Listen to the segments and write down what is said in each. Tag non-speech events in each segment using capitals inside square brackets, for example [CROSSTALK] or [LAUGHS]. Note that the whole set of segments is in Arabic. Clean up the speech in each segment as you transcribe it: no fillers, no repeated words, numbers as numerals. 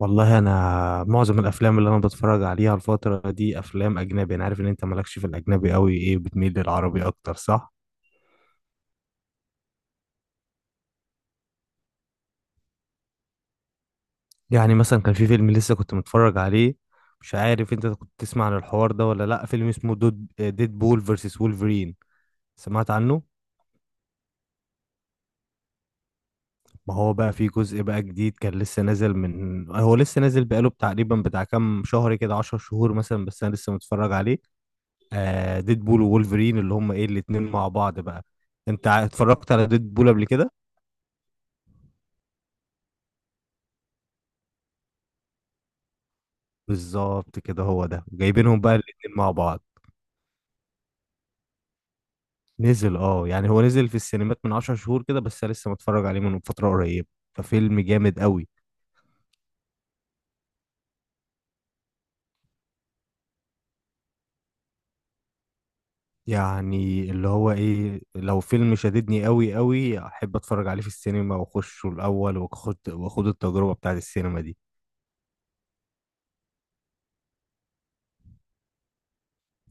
والله انا معظم الافلام اللي انا بتفرج عليها الفتره دي افلام اجنبي. انا عارف ان انت مالكش في الاجنبي قوي، ايه بتميل للعربي اكتر صح؟ يعني مثلا كان في فيلم لسه كنت متفرج عليه. مش عارف انت كنت تسمع عن الحوار ده ولا لا، فيلم اسمه ديد بول فيرسس وولفرين. سمعت عنه. ما هو بقى في جزء بقى جديد، كان لسه نازل، من هو لسه نازل بقاله تقريبا بتاع كام شهر كده، 10 شهور مثلا، بس انا لسه متفرج عليه. ديد بول وولفرين، اللي هم ايه الاتنين مع بعض بقى. انت اتفرجت على ديد بول قبل كده؟ بالظبط كده، هو ده جايبينهم بقى الاتنين مع بعض. نزل يعني هو نزل في السينمات من عشر شهور كده، بس أنا لسه متفرج عليه من فترة قريبة. ففيلم جامد قوي. يعني اللي هو ايه، لو فيلم شددني قوي قوي احب اتفرج عليه في السينما واخشه الاول، واخد التجربة بتاعت السينما دي.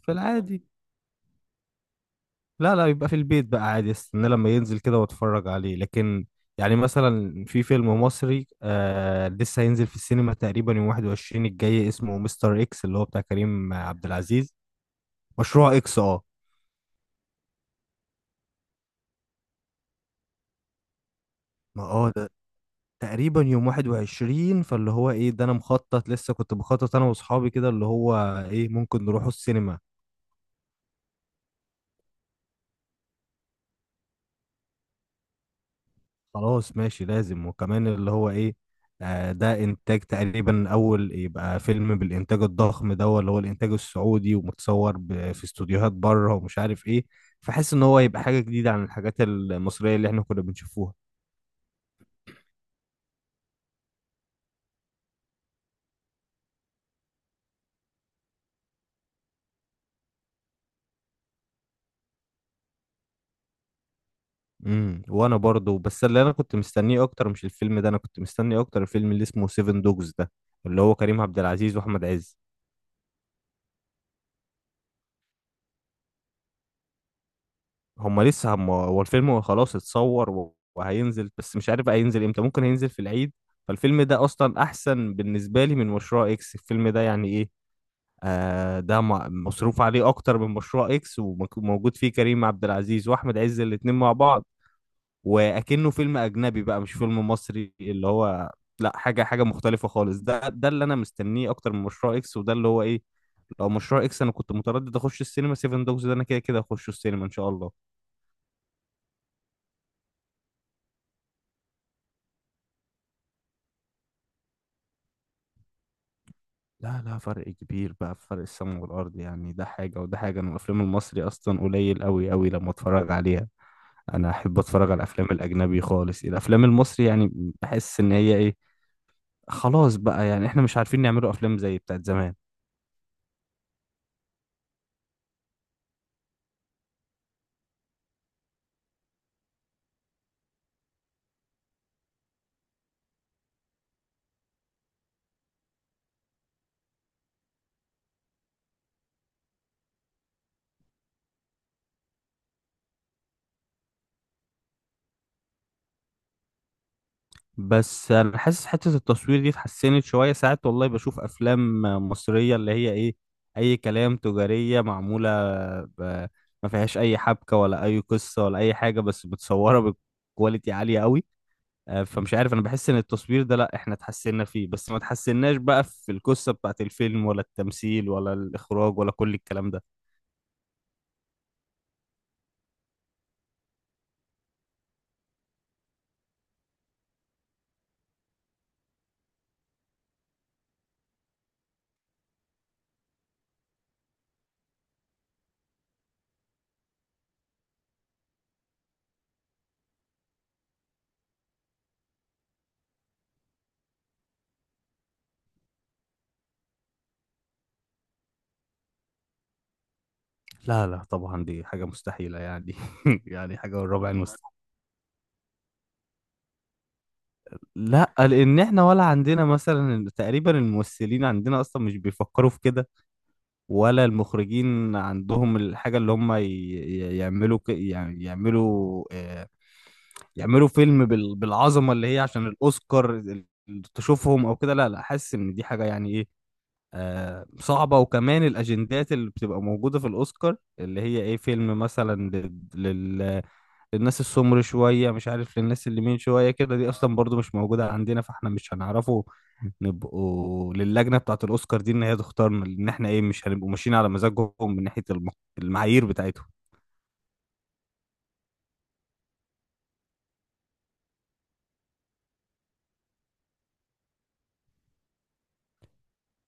في العادي لا لا، يبقى في البيت بقى عادي، استنى لما ينزل كده واتفرج عليه، لكن يعني مثلا في فيلم مصري لسه هينزل في السينما تقريبا يوم 21 الجاي، اسمه مستر اكس، اللي هو بتاع كريم عبد العزيز. مشروع اكس اه. ما ده تقريبا يوم 21، فاللي هو ايه ده انا مخطط، لسه كنت بخطط انا واصحابي كده، اللي هو ايه ممكن نروحوا السينما. خلاص ماشي، لازم، وكمان اللي هو ايه، ده انتاج تقريبا اول يبقى فيلم بالانتاج الضخم ده، اللي هو الانتاج السعودي، ومتصور في استوديوهات بره ومش عارف ايه. فحس ان هو يبقى حاجة جديدة عن الحاجات المصرية اللي احنا كنا بنشوفوها. وانا برضو، بس اللي انا كنت مستنيه اكتر مش الفيلم ده، انا كنت مستني اكتر الفيلم اللي اسمه سيفن دوجز ده، اللي هو كريم عبد العزيز واحمد عز. هم لسه هم هو الفيلم خلاص اتصور وهينزل، بس مش عارف بقى هينزل امتى، ممكن هينزل في العيد. فالفيلم ده اصلا احسن بالنسبه لي من مشروع اكس، الفيلم ده يعني ايه. ده مصروف عليه اكتر من مشروع اكس، وموجود فيه كريم عبد العزيز واحمد عز الاتنين مع بعض، واكنه فيلم اجنبي بقى مش فيلم مصري اللي هو. لا، حاجه حاجه مختلفه خالص، ده اللي انا مستنيه اكتر من مشروع اكس، وده اللي هو ايه. لو مشروع اكس انا كنت متردد اخش السينما، 7 دوجز ده انا كده كده اخش السينما ان شاء الله. لا لا فرق كبير بقى، في فرق السماء والأرض يعني، ده حاجة وده حاجة. أنا الأفلام المصري أصلا قليل أوي أوي لما أتفرج عليها. أنا أحب أتفرج على الأفلام الأجنبي خالص، الأفلام المصري يعني بحس إن هي إيه، خلاص بقى يعني إحنا مش عارفين نعملوا أفلام زي بتاعت زمان. بس أنا حاسس حتة التصوير دي اتحسنت شوية، ساعات والله بشوف أفلام مصرية اللي هي إيه أي كلام، تجارية معمولة، ب... ما فيهاش أي حبكة ولا أي قصة ولا أي حاجة، بس متصورة بكواليتي عالية أوي. فمش عارف، انا بحس ان التصوير ده لا، احنا اتحسنا فيه بس ما اتحسناش بقى في القصة بتاعت الفيلم ولا التمثيل ولا الاخراج ولا كل الكلام ده. لا لا طبعا، دي حاجة مستحيلة يعني. [LAUGHS] يعني حاجة من رابع المستحيل. لا، لان احنا ولا عندنا مثلا تقريبا، الممثلين عندنا اصلا مش بيفكروا في كده، ولا المخرجين عندهم الحاجة اللي هم يعملوا، يعني يعملوا يعملوا فيلم بالعظمة اللي هي عشان الاوسكار، تشوفهم او كده. لا، لا حاسس ان دي حاجة يعني إيه، صعبة، وكمان الأجندات اللي بتبقى موجودة في الأوسكار اللي هي إيه، فيلم مثلا للناس السمر شوية، مش عارف للناس اللي مين شوية كده، دي أصلا برضو مش موجودة عندنا، فإحنا مش هنعرفوا نبقوا للجنة بتاعة الأوسكار دي إن هي تختارنا، لأن إحنا إيه مش هنبقوا ماشيين على مزاجهم من ناحية المعايير بتاعتهم.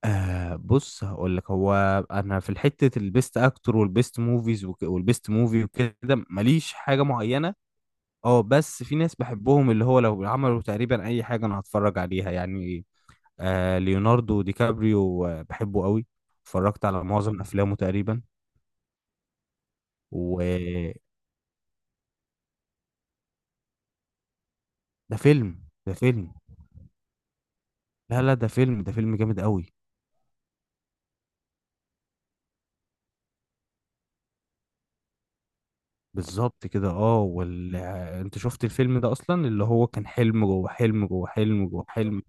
بص هقول لك، هو أنا في الحتة البيست أكتور والبيست موفيز والبيست موفي وكده ماليش حاجة معينة. اه بس في ناس بحبهم اللي هو لو عملوا تقريبا اي حاجه انا هتفرج عليها يعني. ليوناردو دي كابريو بحبه قوي، اتفرجت على معظم افلامه تقريبا. وده فيلم. لا لا، ده فيلم جامد قوي. بالظبط كده اه، وال... آه، انت شفت الفيلم ده اصلا، اللي هو كان حلم جوه حلم جوه حلم جوه حلم.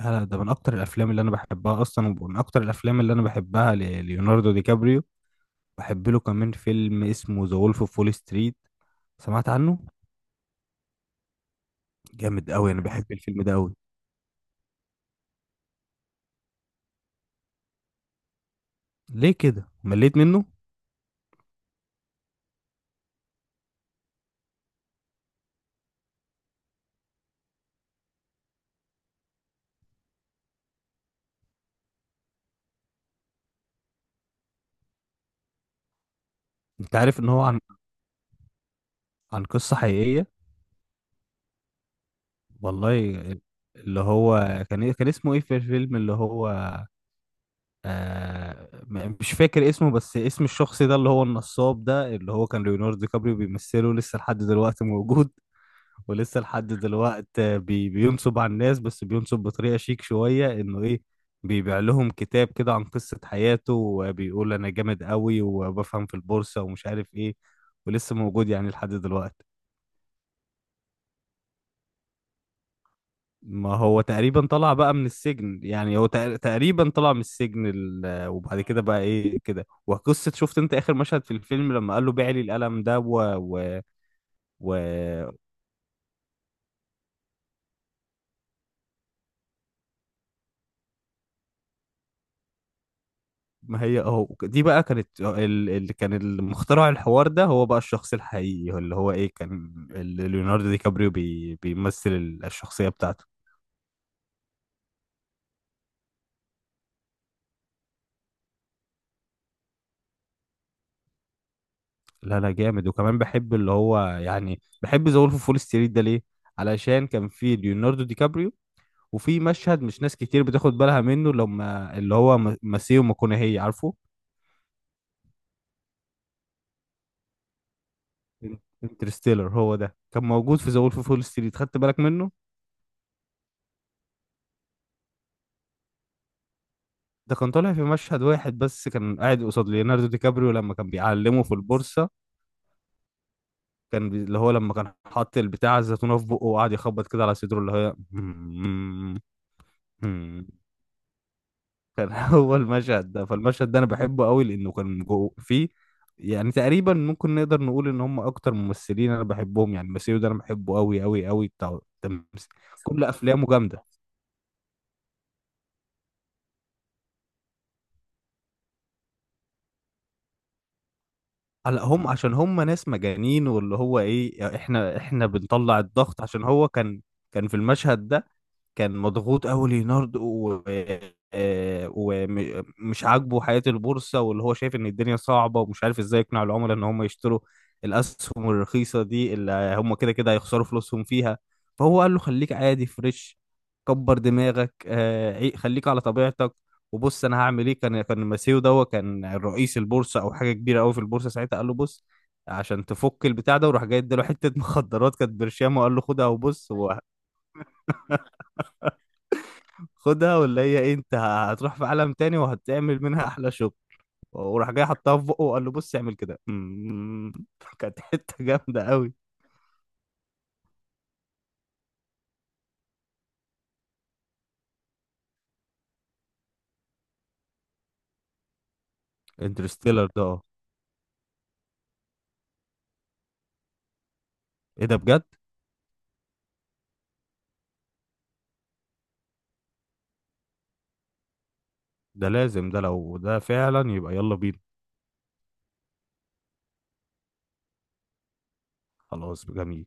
لا لا، ده من اكتر الافلام اللي انا بحبها اصلا، ومن اكتر الافلام اللي انا بحبها لليوناردو دي كابريو. بحب له كمان فيلم اسمه ذا وولف اوف وول ستريت، سمعت عنه؟ جامد قوي، انا بحب الفيلم ده قوي. ليه كده مليت منه؟ انت عارف ان هو عن قصة حقيقية؟ والله. اللي هو كان كان اسمه ايه في الفيلم اللي هو، مش فاكر اسمه، بس اسم الشخص ده اللي هو النصاب ده اللي هو كان ليوناردو دي كابريو بيمثله، لسه لحد دلوقتي موجود. ولسه لحد دلوقت بينصب على الناس، بس بينصب بطريقة شيك شوية، انه ايه، بيبيع لهم كتاب كده عن قصة حياته وبيقول انا جامد قوي وبفهم في البورصة ومش عارف ايه، ولسه موجود يعني لحد دلوقت. ما هو تقريبا طلع بقى من السجن يعني، هو تقريبا طلع من السجن، وبعد كده بقى ايه كده، وقصة شفت انت اخر مشهد في الفيلم لما قال له بيع لي القلم ده و... ما هي اهو، دي بقى كانت اللي كان المخترع الحوار ده هو بقى الشخص الحقيقي، هو اللي هو ايه كان، اللي ليوناردو دي كابريو بيمثل الشخصية بتاعته. لا لا جامد، وكمان بحب اللي هو يعني بحب ذا وولف فول ستريت ده ليه؟ علشان كان في ليوناردو دي كابريو، وفي مشهد مش ناس كتير بتاخد بالها منه لما اللي هو ماسيو ماكونهي، عارفه؟ انترستيلر، هو ده كان موجود في ذا وولف فول ستريت، خدت بالك منه؟ ده كان طالع في مشهد واحد بس، كان قاعد قصاد ليوناردو دي كابريو لما كان بيعلمه في البورصة. كان اللي هو لما كان حاط البتاع الزيتونة في بقه وقعد يخبط كده على صدره اللي هي... [LAUGHS] كان هو المشهد ده، فالمشهد ده انا بحبه قوي لانه كان جو فيه. يعني تقريبا ممكن نقدر نقول ان هم اكتر ممثلين انا بحبهم يعني، ماسيو ده انا بحبه قوي قوي قوي بتاع التمثيل. كل افلامه جامدة. هلا هم عشان هم ناس مجانين، واللي هو ايه، احنا بنطلع الضغط، عشان هو كان، كان في المشهد ده، كان مضغوط قوي ليوناردو و... آه، ومش عاجبه حياة البورصة، واللي هو شايف ان الدنيا صعبة ومش عارف ازاي يقنع العملاء ان هم يشتروا الاسهم الرخيصة دي اللي هم كده كده هيخسروا فلوسهم فيها. فهو قال له خليك عادي فريش، كبر دماغك، خليك على طبيعتك، وبص انا هعمل ايه. كان ماسيو ده كان رئيس البورصة او حاجة كبيرة قوي في البورصة ساعتها، قال له بص، عشان تفك البتاع ده، وراح جاي اداله حتة مخدرات كانت برشام، وقال له خدها وبص، خدها ولا هي إيه، انت هتروح في عالم تاني وهتعمل منها احلى شغل. وراح جاي حطها في بقه وقال له بص اعمل كده. [LAUGHS] كانت حته جامده قوي. انترستيلر ده اه، ايه ده بجد؟ ده لازم، ده لو ده فعلا يبقى يلا بينا. خلاص جميل.